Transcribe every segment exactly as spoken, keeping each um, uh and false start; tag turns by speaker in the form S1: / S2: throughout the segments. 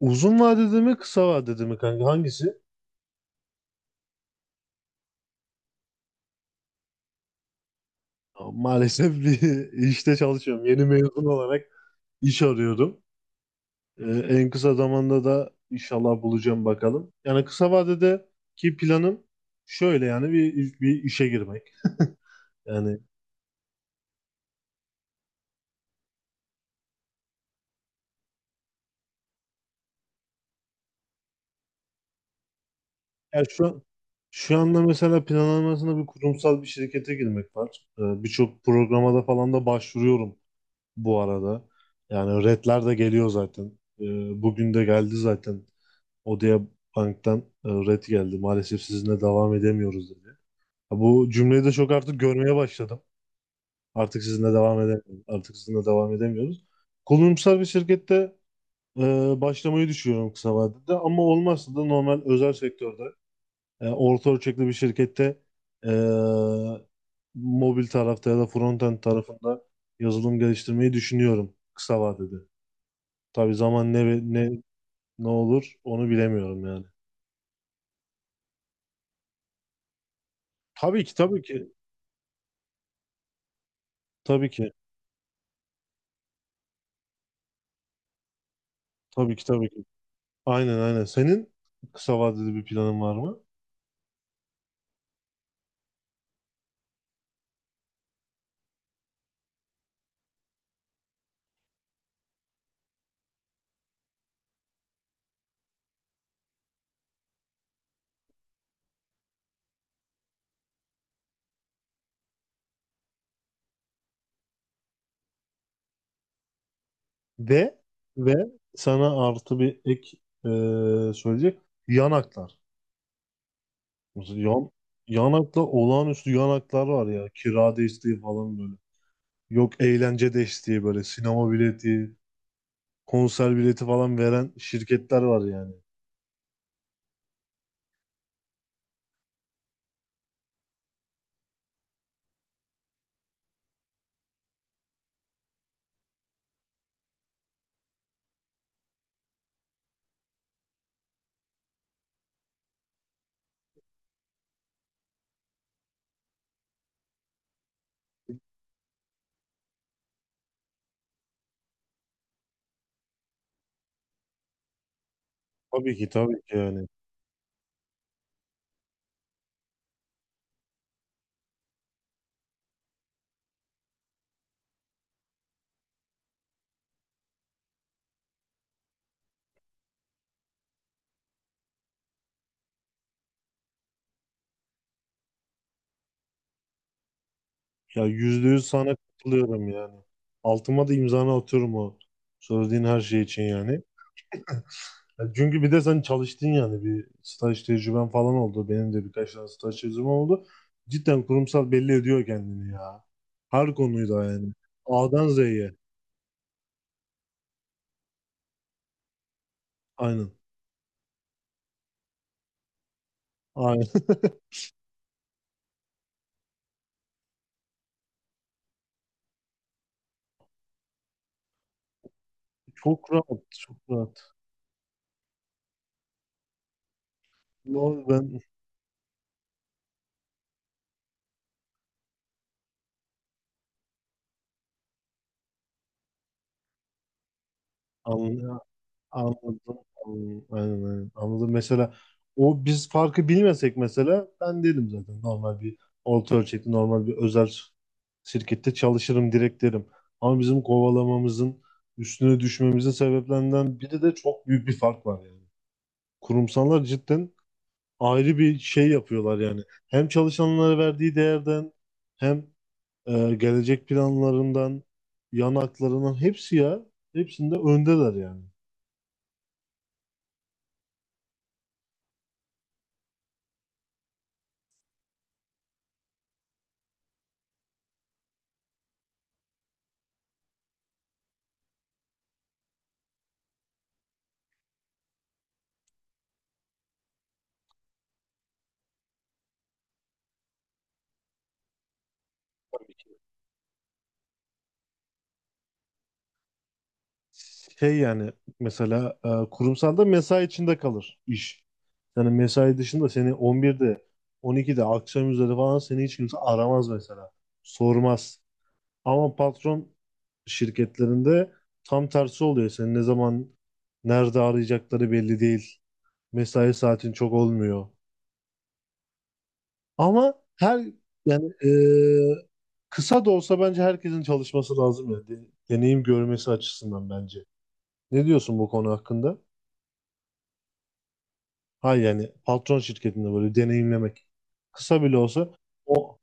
S1: Uzun vadede mi kısa vadede mi kanka hangisi? Maalesef bir işte çalışıyorum. Yeni mezun olarak iş arıyorum. Ee, En kısa zamanda da inşallah bulacağım bakalım. Yani kısa vadedeki planım şöyle yani bir, bir işe girmek. Yani Ya şu an, şu anda mesela planlamasında bir kurumsal bir şirkete girmek var. Ee, birçok programa da falan da başvuruyorum bu arada. Yani redler de geliyor zaten. Ee, bugün de geldi zaten. Odea Bank'tan e, red geldi. Maalesef sizinle devam edemiyoruz dedi. Ha, bu cümleyi de çok artık görmeye başladım. Artık sizinle devam edemiyoruz. Artık sizinle devam edemiyoruz. Kurumsal bir şirkette e, başlamayı düşünüyorum kısa vadede, ama olmazsa da normal özel sektörde e, orta ölçekli bir şirkette e, mobil tarafta ya da frontend tarafında yazılım geliştirmeyi düşünüyorum kısa vadede. Tabii zaman ne ne ne olur onu bilemiyorum yani. Tabii ki, tabii ki. Tabii ki. Tabii ki, tabii ki. Aynen aynen. Senin kısa vadeli bir planın var mı? Ve ve sana artı bir ek e, söyleyecek. Yanaklar. Mesela yan, yanakta olağanüstü yanaklar var ya. Kira desteği falan böyle. Yok eğlence desteği böyle. Sinema bileti, konser bileti falan veren şirketler var yani. Tabii ki, tabii ki yani. Ya yüzde yüz sana katılıyorum yani. Altıma da imzanı atıyorum o söylediğin her şey için yani. Ya çünkü bir de sen çalıştın yani bir staj tecrüben falan oldu. Benim de birkaç tane staj tecrübem oldu. Cidden kurumsal belli ediyor kendini ya. Her konuyla yani. A'dan Z'ye. Aynen. Aynen. Çok rahat. Çok rahat. Vallahi ben anla- anladım. Anladım. Aynen, aynen. Anladım. Mesela o biz farkı bilmesek, mesela ben dedim zaten normal bir orta ölçekli normal bir özel şirkette çalışırım direkt derim. Ama bizim kovalamamızın üstüne düşmemizin sebeplerinden biri de çok büyük bir fark var yani. Kurumsallar cidden ayrı bir şey yapıyorlar yani. Hem çalışanlara verdiği değerden, hem e, gelecek planlarından, yan haklarından, hepsi ya hepsinde öndeler yani. Şey yani mesela e, kurumsalda mesai içinde kalır iş. Yani mesai dışında seni on birde, on ikide, akşam üzeri falan seni hiç kimse aramaz mesela. Sormaz. Ama patron şirketlerinde tam tersi oluyor. Seni ne zaman nerede arayacakları belli değil. Mesai saatin çok olmuyor. Ama her yani e, kısa da olsa bence herkesin çalışması lazım yani. De- Deneyim görmesi açısından bence. Ne diyorsun bu konu hakkında? Hayır, yani patron şirketinde böyle deneyimlemek. Kısa bile olsa o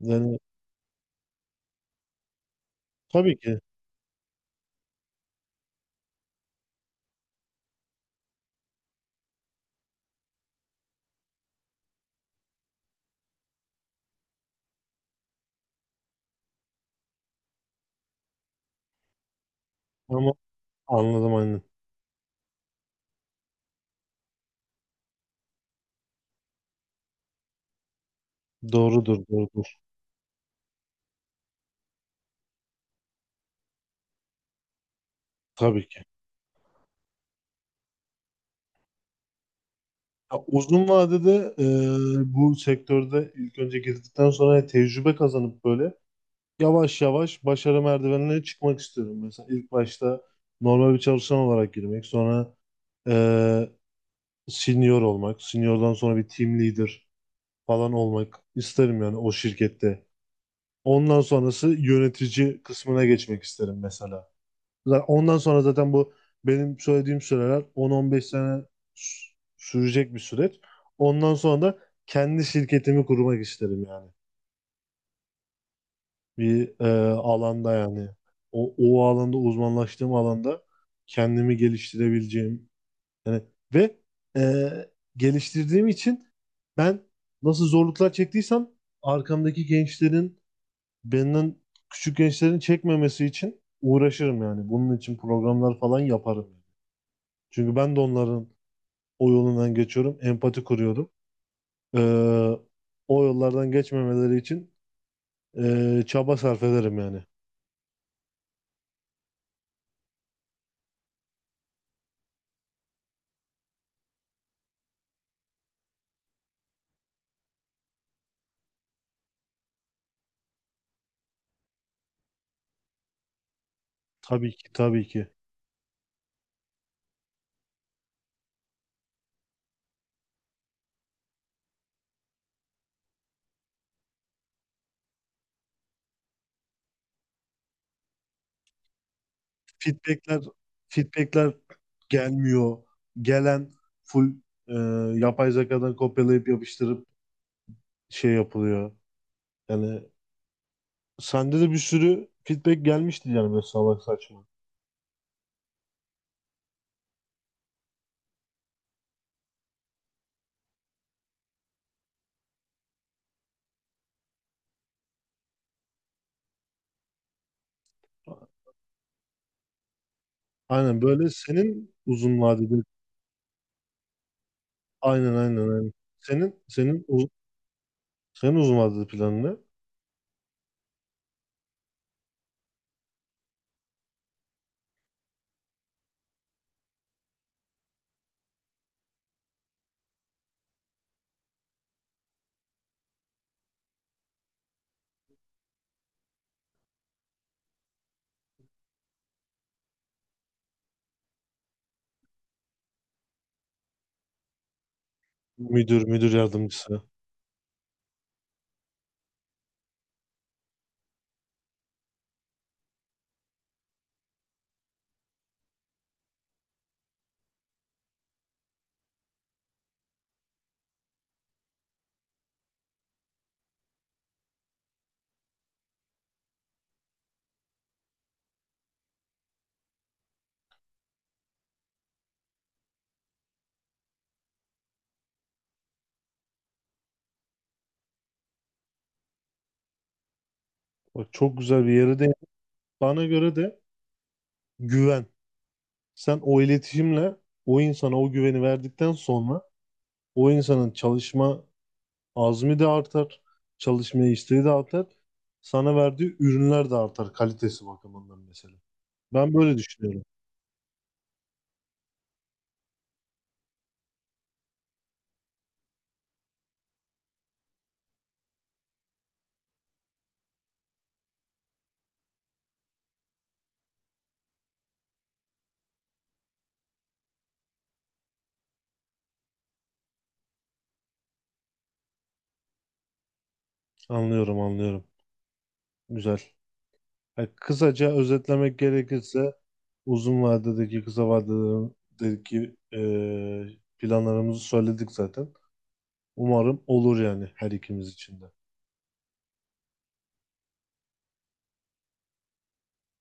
S1: yani tabii ki, ama anladım aynen. Doğrudur, doğrudur. Tabii ki. Ya uzun vadede e, bu sektörde ilk önce girdikten sonra tecrübe kazanıp böyle yavaş yavaş başarı merdivenine çıkmak istiyorum. Mesela ilk başta normal bir çalışan olarak girmek, sonra e, senior olmak, seniordan sonra bir team leader falan olmak isterim yani o şirkette. Ondan sonrası yönetici kısmına geçmek isterim mesela. Zaten ondan sonra zaten bu benim söylediğim süreler on on beş sene sü- sürecek bir süreç. Ondan sonra da kendi şirketimi kurmak isterim yani. Bir e, alanda yani. O, o alanda, uzmanlaştığım alanda, kendimi geliştirebileceğim. Yani ve e, geliştirdiğim için ben nasıl zorluklar çektiysem arkamdaki gençlerin, benden küçük gençlerin çekmemesi için uğraşırım yani. Bunun için programlar falan yaparım. Çünkü ben de onların o yolundan geçiyorum. Empati kuruyorum. Ee, O yollardan geçmemeleri için ee, çaba sarf ederim yani. Tabii ki, tabii ki. Feedbackler, feedbackler gelmiyor. Gelen full ee, yapay zekadan kopyalayıp yapıştırıp şey yapılıyor. Yani sende de bir sürü feedback gelmişti yani böyle salak saçma. Aynen böyle senin uzun vadeli aynen aynen aynen. Senin senin u- Senin uzun vadeli planın ne? Müdür, müdür yardımcısı. Bak çok güzel bir yere de, bana göre de, güven. Sen o iletişimle o insana o güveni verdikten sonra o insanın çalışma azmi de artar, çalışmaya isteği de artar. Sana verdiği ürünler de artar kalitesi bakımından mesela. Ben böyle düşünüyorum. Anlıyorum, anlıyorum. Güzel. Yani kısaca özetlemek gerekirse uzun vadedeki, kısa vadedeki e, planlarımızı söyledik zaten. Umarım olur yani her ikimiz için de.